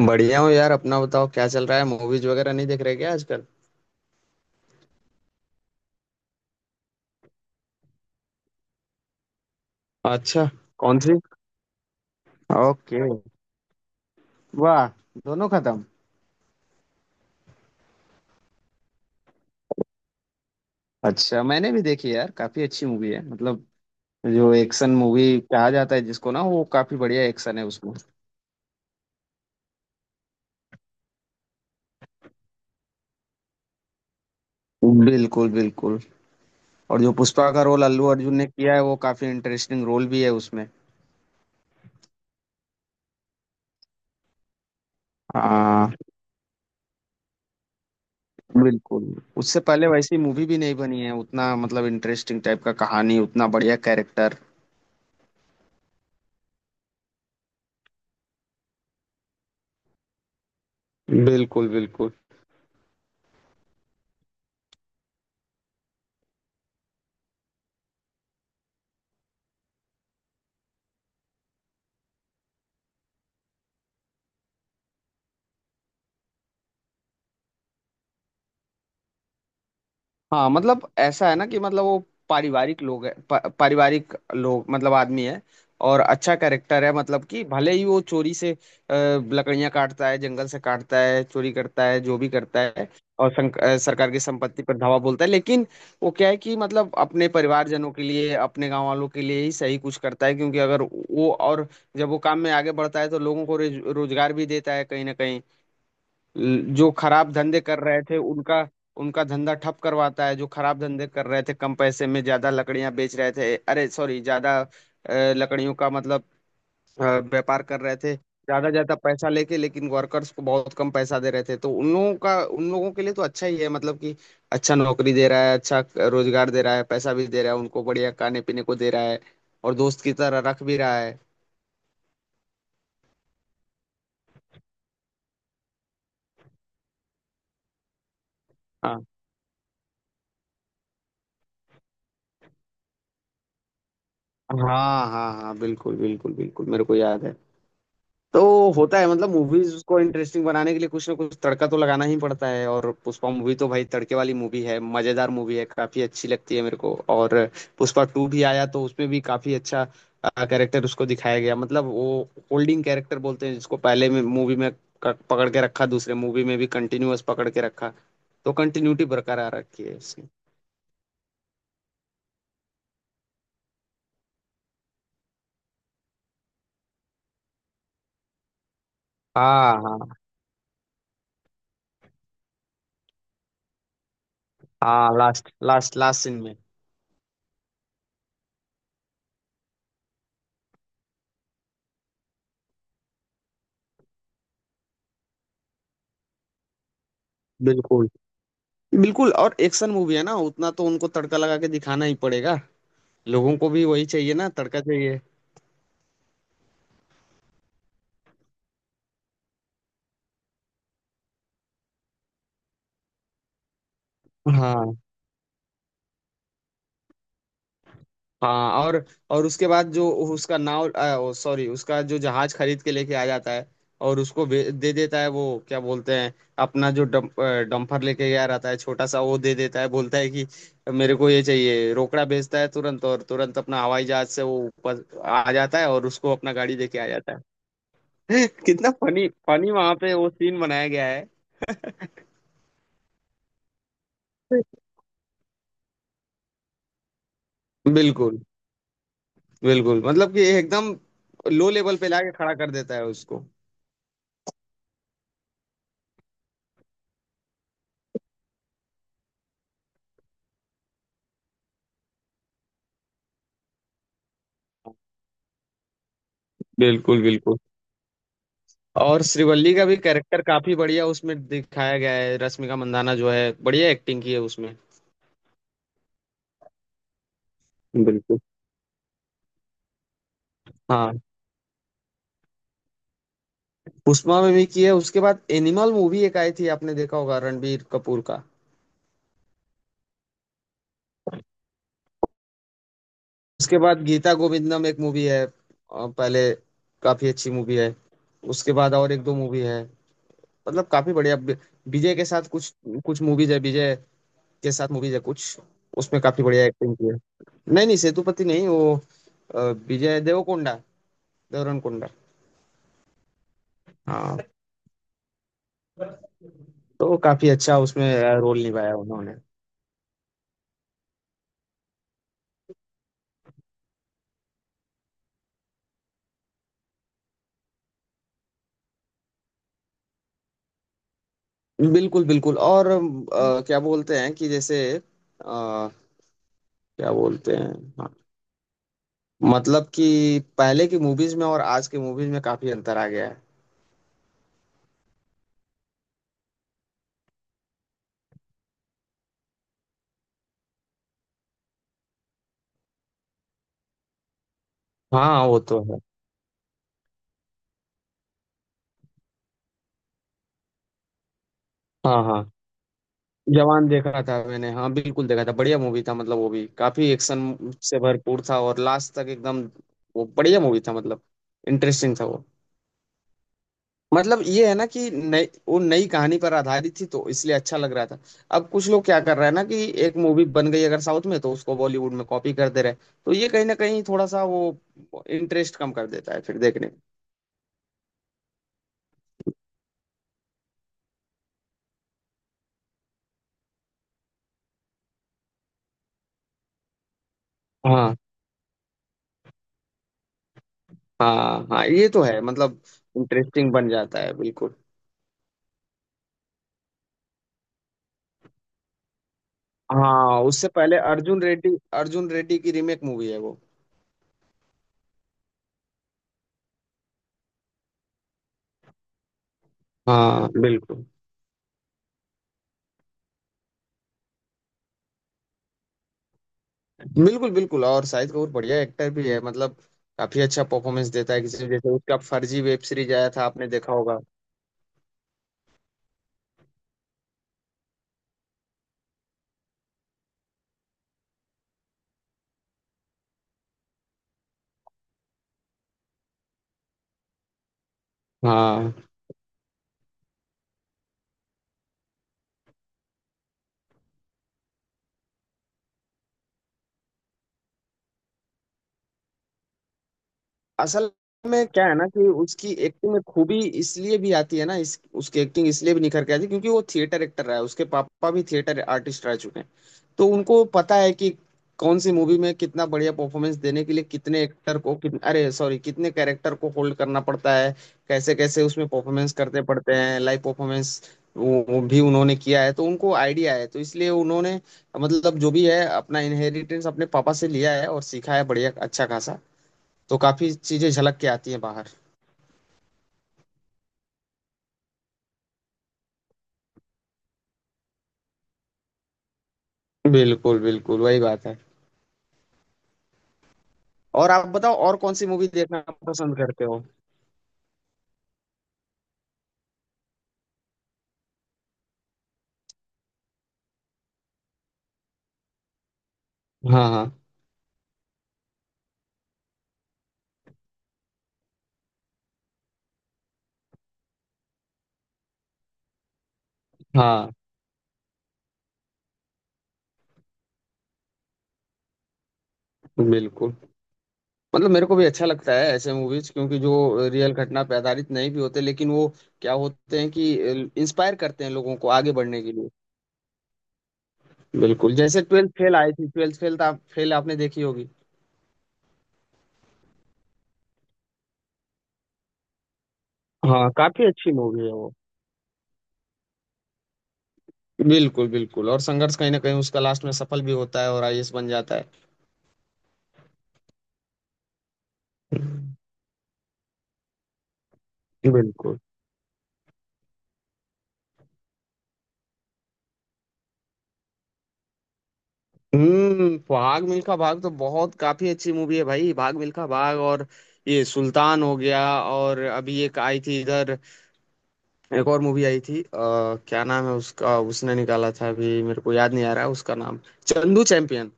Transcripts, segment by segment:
बढ़िया हूँ यार। अपना बताओ, क्या चल रहा है? मूवीज वगैरह नहीं देख रहे क्या आजकल? अच्छा, कौन सी? ओके। वाह, दोनों खत्म? अच्छा, मैंने भी देखी यार, काफी अच्छी मूवी है मतलब। जो एक्शन मूवी कहा जाता है जिसको ना, वो काफी बढ़िया एक्शन है उसमें। बिल्कुल बिल्कुल। और जो पुष्पा का रोल अल्लू अर्जुन ने किया है, वो काफी इंटरेस्टिंग रोल भी है उसमें। हाँ, बिल्कुल। उससे पहले वैसी मूवी भी नहीं बनी है उतना, मतलब इंटरेस्टिंग टाइप का कहानी, उतना बढ़िया कैरेक्टर। बिल्कुल बिल्कुल। हाँ मतलब ऐसा है ना कि, मतलब वो पारिवारिक लोग है, पारिवारिक लोग मतलब आदमी है। और अच्छा कैरेक्टर है, मतलब कि भले ही वो चोरी से लकड़ियां काटता है, जंगल से काटता है, चोरी करता है, जो भी करता है। और सरकार की संपत्ति पर धावा बोलता है, लेकिन वो क्या है कि मतलब अपने परिवारजनों के लिए, अपने गांव वालों के लिए ही सही, कुछ करता है। क्योंकि अगर वो, और जब वो काम में आगे बढ़ता है तो लोगों को रोजगार भी देता है कहीं ना कहीं। जो खराब धंधे कर रहे थे उनका, उनका धंधा ठप करवाता है। जो खराब धंधे कर रहे थे, कम पैसे में ज्यादा लकड़ियां बेच रहे थे, अरे सॉरी ज्यादा लकड़ियों का मतलब व्यापार कर रहे थे। ज्यादा ज्यादा पैसा लेके लेकिन वर्कर्स को बहुत कम पैसा दे रहे थे, तो उन लोगों का, उन लोगों के लिए तो अच्छा ही है, मतलब कि अच्छा नौकरी दे रहा है, अच्छा रोजगार दे रहा है, पैसा भी दे रहा है उनको, बढ़िया खाने पीने को दे रहा है, और दोस्त की तरह रख भी रहा है। हाँ हाँ हाँ, हाँ बिल्कुल बिल्कुल बिल्कुल, मेरे को याद है। तो होता है मतलब, मूवीज को इंटरेस्टिंग बनाने के लिए कुछ ना कुछ तड़का तो लगाना ही पड़ता है, और पुष्पा मूवी तो भाई तड़के वाली मूवी है, मजेदार मूवी है, काफी अच्छी लगती है मेरे को। और पुष्पा टू भी आया, तो उसमें भी काफी अच्छा कैरेक्टर उसको दिखाया गया। मतलब वो होल्डिंग कैरेक्टर बोलते हैं जिसको, पहले में मूवी में पकड़ के रखा, दूसरे मूवी में भी कंटिन्यूअस पकड़ के रखा। तो कंटिन्यूटी बरकरार रखी है उसकी। हाँ हाँ, हाँ लास्ट लास्ट लास्ट सीन में। बिल्कुल बिल्कुल, और एक्शन मूवी है ना, उतना तो उनको तड़का लगा के दिखाना ही पड़ेगा। लोगों को भी वही चाहिए ना, तड़का चाहिए। हाँ हाँ। और उसके बाद जो उसका नाव सॉरी उसका जो जहाज खरीद के लेके आ जाता है, और उसको दे देता है वो। क्या बोलते हैं? अपना जो डंपर लेके गया रहता है छोटा सा, वो दे देता है। बोलता है कि मेरे को ये चाहिए। रोकड़ा भेजता है तुरंत, और तुरंत अपना हवाई जहाज से वो ऊपर आ जाता है और उसको अपना गाड़ी देके आ जाता है। कितना फनी फनी वहां पे वो सीन बनाया गया है। बिल्कुल बिल्कुल, मतलब कि एकदम लो लेवल पे लाके खड़ा कर देता है उसको। बिल्कुल बिल्कुल। और श्रीवल्ली का भी कैरेक्टर काफी बढ़िया उसमें दिखाया गया है, रश्मिका मंदाना जो है, बढ़िया एक्टिंग की है उसमें। बिल्कुल। हाँ, पुष्पा में भी की है। उसके बाद एनिमल मूवी एक आई थी, आपने देखा होगा, रणबीर कपूर का। उसके बाद गीता गोविंदम एक मूवी है, पहले, काफी अच्छी मूवी है। उसके बाद और एक दो मूवी है, मतलब काफी बढ़िया, विजय के साथ कुछ कुछ मूवीज है, विजय के साथ मूवीज है कुछ, उसमें काफी बढ़िया एक्टिंग की है। नहीं नहीं, सेतुपति नहीं वो, अ, विजय देवरकोंडा। देवरकोंडा, हाँ। तो काफी अच्छा उसमें रोल निभाया उन्होंने। बिल्कुल बिल्कुल, और क्या बोलते हैं कि जैसे क्या बोलते हैं, हाँ, मतलब कि पहले की मूवीज में और आज के मूवीज में काफी अंतर आ गया है। हाँ वो तो है। हाँ हाँ, जवान देखा था मैंने, हाँ बिल्कुल देखा था, बढ़िया मूवी था मतलब। वो भी काफी एक्शन से भरपूर था और लास्ट तक एकदम, वो बढ़िया मूवी था मतलब, इंटरेस्टिंग था वो। मतलब ये है ना कि नई, वो नई कहानी पर आधारित थी, तो इसलिए अच्छा लग रहा था। अब कुछ लोग क्या कर रहे हैं ना, कि एक मूवी बन गई अगर साउथ में तो उसको बॉलीवुड में कॉपी कर दे रहे हैं। तो ये कहीं ना कहीं थोड़ा सा वो इंटरेस्ट कम कर देता है फिर देखने में। हाँ हाँ हाँ, ये तो है मतलब, इंटरेस्टिंग बन जाता है बिल्कुल। हाँ उससे पहले अर्जुन रेड्डी, अर्जुन रेड्डी की रीमेक मूवी है वो। हाँ बिल्कुल बिल्कुल बिल्कुल। और शाहिद कपूर बढ़िया एक्टर भी है मतलब, काफी अच्छा परफॉर्मेंस देता है, किसी जैसे उसका फर्जी वेब सीरीज आया था, आपने देखा होगा। हाँ असल में क्या है ना कि उसकी एक्टिंग में खूबी इसलिए भी आती है ना, इस उसकी एक्टिंग इसलिए भी निखर के आती है, क्योंकि वो थिएटर एक्टर रहा है, उसके पापा भी थिएटर आर्टिस्ट रह चुके हैं। तो उनको पता है कि कौन सी मूवी में कितना बढ़िया परफॉर्मेंस देने के लिए कितने एक्टर को, कितने अरे सॉरी कितने कैरेक्टर को होल्ड करना पड़ता है, कैसे कैसे उसमें परफॉर्मेंस करते पड़ते हैं, लाइव परफॉर्मेंस वो भी उन्होंने किया है। तो उनको आइडिया है, तो इसलिए उन्होंने मतलब जो भी है अपना इनहेरिटेंस अपने पापा से लिया है और सीखा है बढ़िया अच्छा खासा। तो काफी चीजें झलक के आती हैं बाहर। बिल्कुल बिल्कुल वही बात है। और आप बताओ, और कौन सी मूवी देखना पसंद करते हो? हाँ हाँ हाँ, बिल्कुल, मतलब मेरे को भी अच्छा लगता है ऐसे मूवीज, क्योंकि जो रियल घटना पे आधारित नहीं भी होते लेकिन वो क्या होते हैं कि इंस्पायर करते हैं लोगों को आगे बढ़ने के लिए। बिल्कुल, जैसे ट्वेल्थ फेल आई थी, ट्वेल्थ फेल आप फेल आपने देखी होगी। हाँ काफी अच्छी मूवी है वो। बिल्कुल बिल्कुल, और संघर्ष कहीं ना कहीं उसका लास्ट में सफल भी होता है और आईएएस बन जाता है। बिल्कुल। हम्म, भाग मिल्खा भाग तो बहुत काफी अच्छी मूवी है भाई, भाग मिल्खा भाग। और ये सुल्तान हो गया, और अभी एक आई थी इधर, एक और मूवी आई थी, क्या नाम है उसका, उसने निकाला था, अभी मेरे को याद नहीं आ रहा है उसका नाम, चंदू चैंपियन।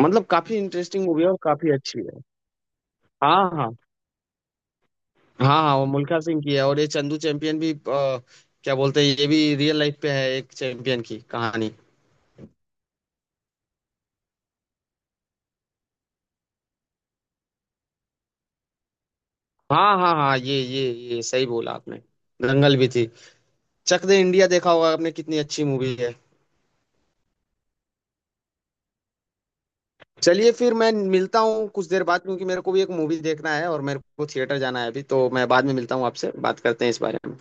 मतलब काफी इंटरेस्टिंग मूवी है और काफी अच्छी है। हाँ हाँ हाँ, हाँ वो मुल्खा सिंह की है। और ये चंदू चैंपियन भी क्या बोलते हैं, ये भी रियल लाइफ पे है, एक चैंपियन की कहानी। हाँ हाँ हाँ, ये सही बोला आपने, दंगल भी थी। चक दे इंडिया देखा होगा आपने, कितनी अच्छी मूवी है। चलिए फिर, मैं मिलता हूँ कुछ देर बाद, क्योंकि मेरे को भी एक मूवी देखना है और मेरे को थिएटर जाना है अभी। तो मैं बाद में मिलता हूँ, आपसे बात करते हैं इस बारे में।